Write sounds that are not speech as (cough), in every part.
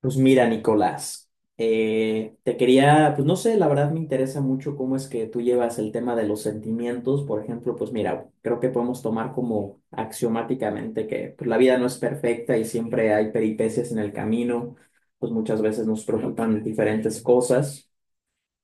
Pues mira, Nicolás, te quería, pues no sé, la verdad me interesa mucho cómo es que tú llevas el tema de los sentimientos. Por ejemplo, pues mira, creo que podemos tomar como axiomáticamente que pues, la vida no es perfecta y siempre hay peripecias en el camino, pues muchas veces nos preocupan diferentes cosas.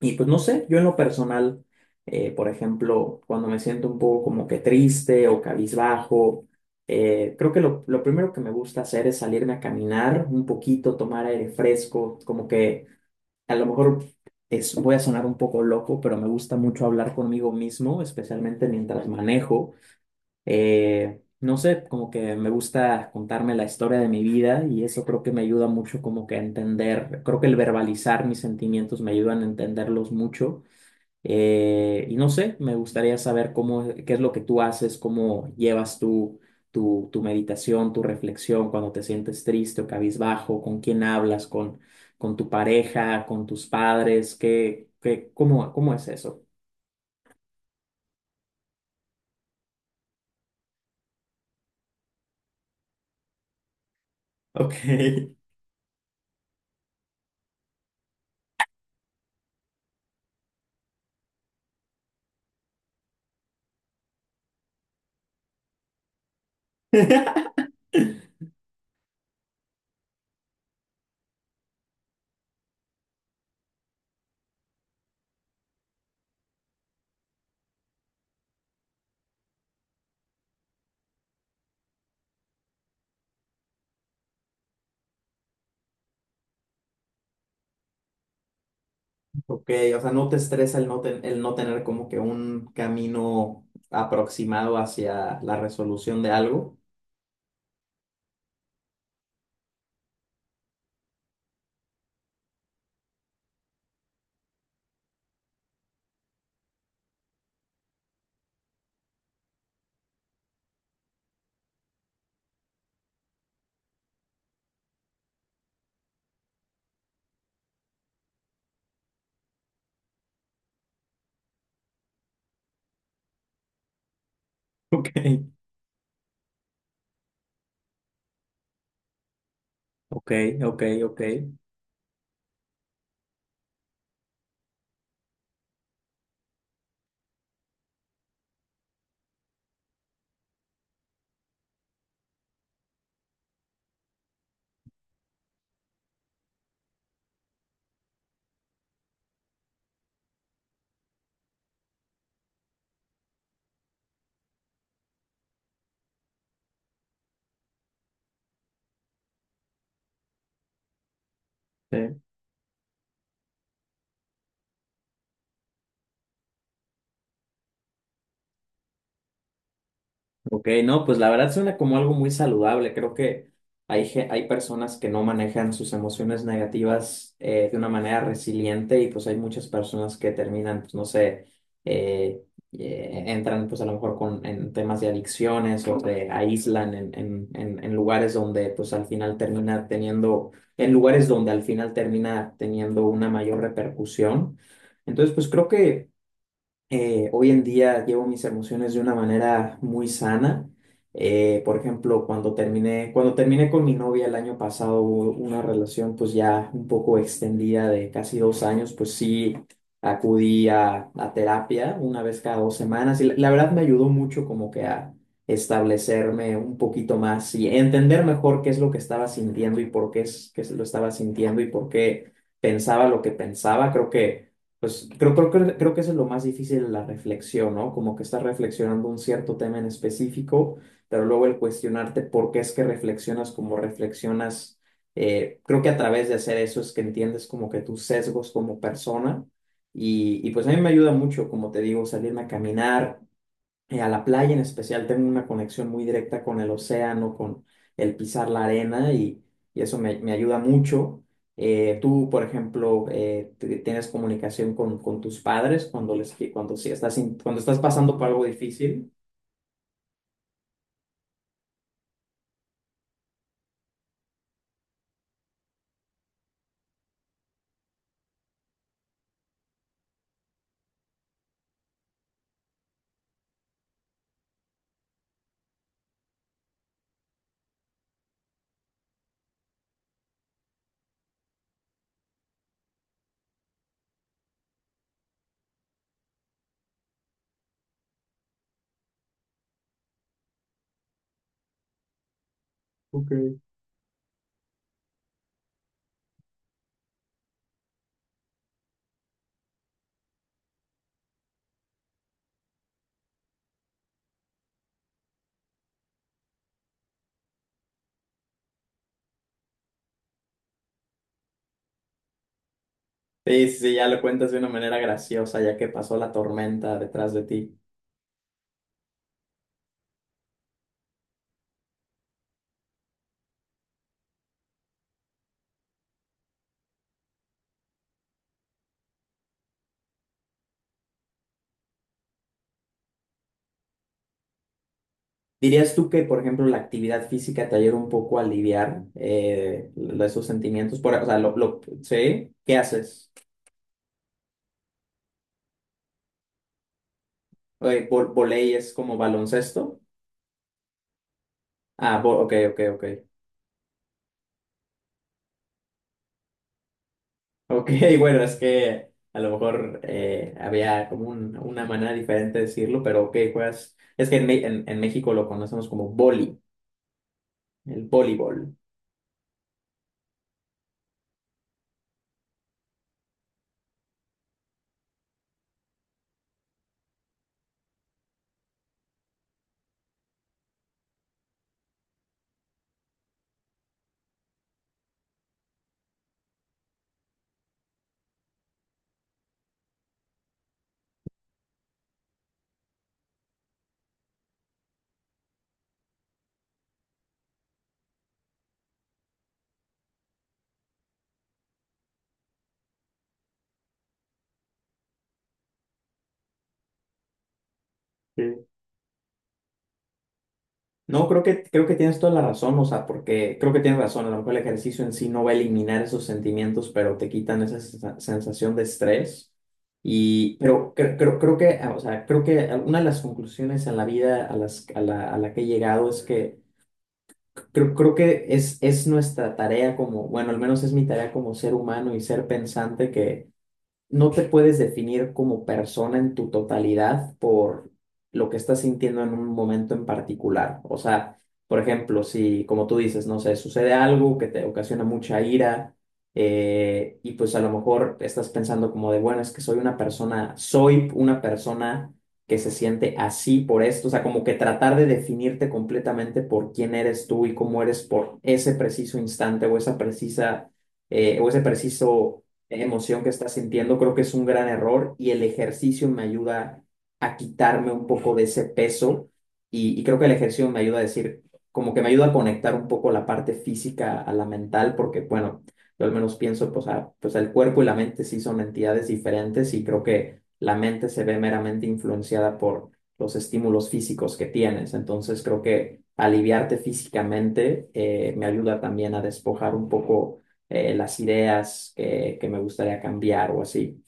Y pues no sé, yo en lo personal, por ejemplo, cuando me siento un poco como que triste o cabizbajo, creo que lo primero que me gusta hacer es salirme a caminar un poquito, tomar aire fresco, como que a lo mejor es, voy a sonar un poco loco, pero me gusta mucho hablar conmigo mismo, especialmente mientras manejo. No sé, como que me gusta contarme la historia de mi vida y eso creo que me ayuda mucho como que a entender, creo que el verbalizar mis sentimientos me ayudan a entenderlos mucho. Y no sé, me gustaría saber cómo, qué es lo que tú haces, cómo llevas tu meditación, tu reflexión cuando te sientes triste o cabizbajo, con quién hablas, con tu pareja, con tus padres, cómo, cómo es eso. Ok. (laughs) Ok, o sea, no te estresa el el no tener como que un camino aproximado hacia la resolución de algo. Ok, ok, ok, ok. Sí. Ok, no, pues la verdad suena como algo muy saludable. Creo que hay personas que no manejan sus emociones negativas de una manera resiliente y pues hay muchas personas que terminan, pues no sé, eh, entran pues a lo mejor con, en temas de adicciones o se aíslan en lugares donde pues al final termina teniendo, en lugares donde al final termina teniendo una mayor repercusión. Entonces, pues creo que hoy en día llevo mis emociones de una manera muy sana. Por ejemplo, cuando terminé con mi novia el año pasado, hubo una relación pues ya un poco extendida de casi dos años, pues sí acudí a terapia una vez cada dos semanas y la verdad me ayudó mucho como que a establecerme un poquito más y entender mejor qué es lo que estaba sintiendo y por qué es que lo estaba sintiendo y por qué pensaba lo que pensaba. Creo que creo que eso es lo más difícil en la reflexión, ¿no? Como que estás reflexionando un cierto tema en específico, pero luego el cuestionarte por qué es que reflexionas como reflexionas, creo que a través de hacer eso es que entiendes como que tus sesgos como persona y pues a mí me ayuda mucho, como te digo, salirme a caminar, a la playa en especial tengo una conexión muy directa con el océano, con el pisar la arena y eso me, me ayuda mucho. Tú, por ejemplo, tienes comunicación con tus padres cuando les cuando estás pasando por algo difícil. Okay. Sí, sí, ya lo cuentas de una manera graciosa, ya que pasó la tormenta detrás de ti. ¿Dirías tú que, por ejemplo, la actividad física te ayuda un poco a aliviar esos sentimientos? Por, o sea, ¿sí? ¿Qué haces? Voley es como baloncesto. Ok, ok, ok. Ok, (laughs) bueno, es que a lo mejor había como una manera diferente de decirlo, pero ok, juegas. Es que en, en México lo conocemos como voli, el voleibol. No, creo que tienes toda la razón, o sea, porque creo que tienes razón, a lo mejor el ejercicio en sí no va a eliminar esos sentimientos, pero te quitan esa sensación de estrés. Y, pero creo que, ah, o sea, creo que una de las conclusiones en la vida a la que he llegado es que creo que es nuestra tarea como, bueno, al menos es mi tarea como ser humano y ser pensante no te puedes definir como persona en tu totalidad por lo que estás sintiendo en un momento en particular. O sea, por ejemplo, si, como tú dices, no sé, sucede algo que te ocasiona mucha ira y pues a lo mejor estás pensando como de, bueno, es que soy una persona que se siente así por esto, o sea, como que tratar de definirte completamente por quién eres tú y cómo eres por ese preciso instante o esa precisa, o ese preciso emoción que estás sintiendo, creo que es un gran error y el ejercicio me ayuda a quitarme un poco de ese peso y creo que el ejercicio me ayuda a decir, como que me ayuda a conectar un poco la parte física a la mental, porque bueno, yo al menos pienso, pues, pues el cuerpo y la mente sí son entidades diferentes y creo que la mente se ve meramente influenciada por los estímulos físicos que tienes, entonces creo que aliviarte físicamente me ayuda también a despojar un poco las ideas que me gustaría cambiar o así.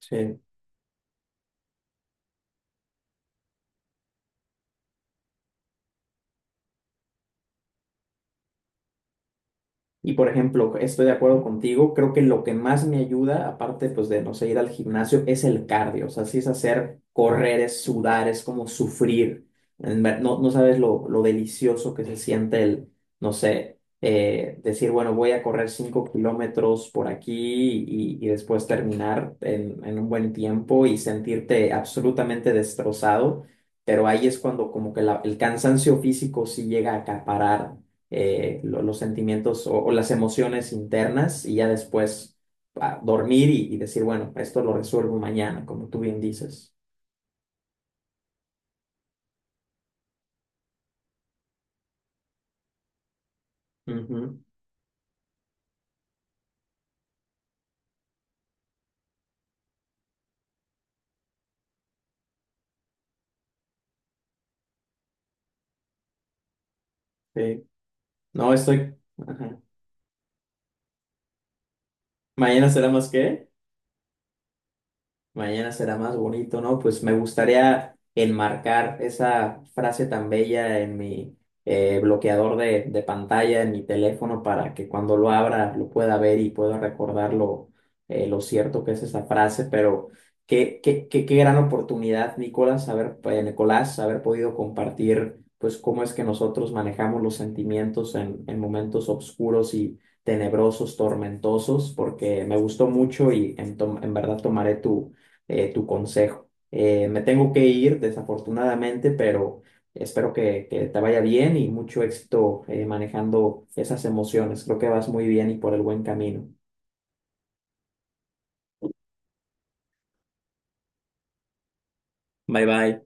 Sí. Y por ejemplo, estoy de acuerdo contigo, creo que lo que más me ayuda, aparte pues de, no sé, ir al gimnasio, es el cardio, o sea, sí es hacer correr, es sudar, es como sufrir. No, no sabes lo delicioso que se siente el, no sé, decir, bueno, voy a correr 5 kilómetros por aquí y después terminar en un buen tiempo y sentirte absolutamente destrozado, pero ahí es cuando como que el cansancio físico sí llega a acaparar los sentimientos o las emociones internas y ya después dormir y decir, bueno, esto lo resuelvo mañana, como tú bien dices. Ujú, sí. No estoy... Ajá. ¿Mañana será más qué? Mañana será más bonito, ¿no? Pues me gustaría enmarcar esa frase tan bella en mi bloqueador de pantalla, en mi teléfono, para que cuando lo abra lo pueda ver y pueda recordar lo cierto que es esa frase. Pero qué gran oportunidad, Nicolás, haber podido compartir, pues, cómo es que nosotros manejamos los sentimientos en momentos oscuros y tenebrosos, tormentosos, porque me gustó mucho y en, en verdad tomaré tu tu consejo. Me tengo que ir, desafortunadamente, pero espero que te vaya bien y mucho éxito manejando esas emociones. Creo que vas muy bien y por el buen camino. Bye bye.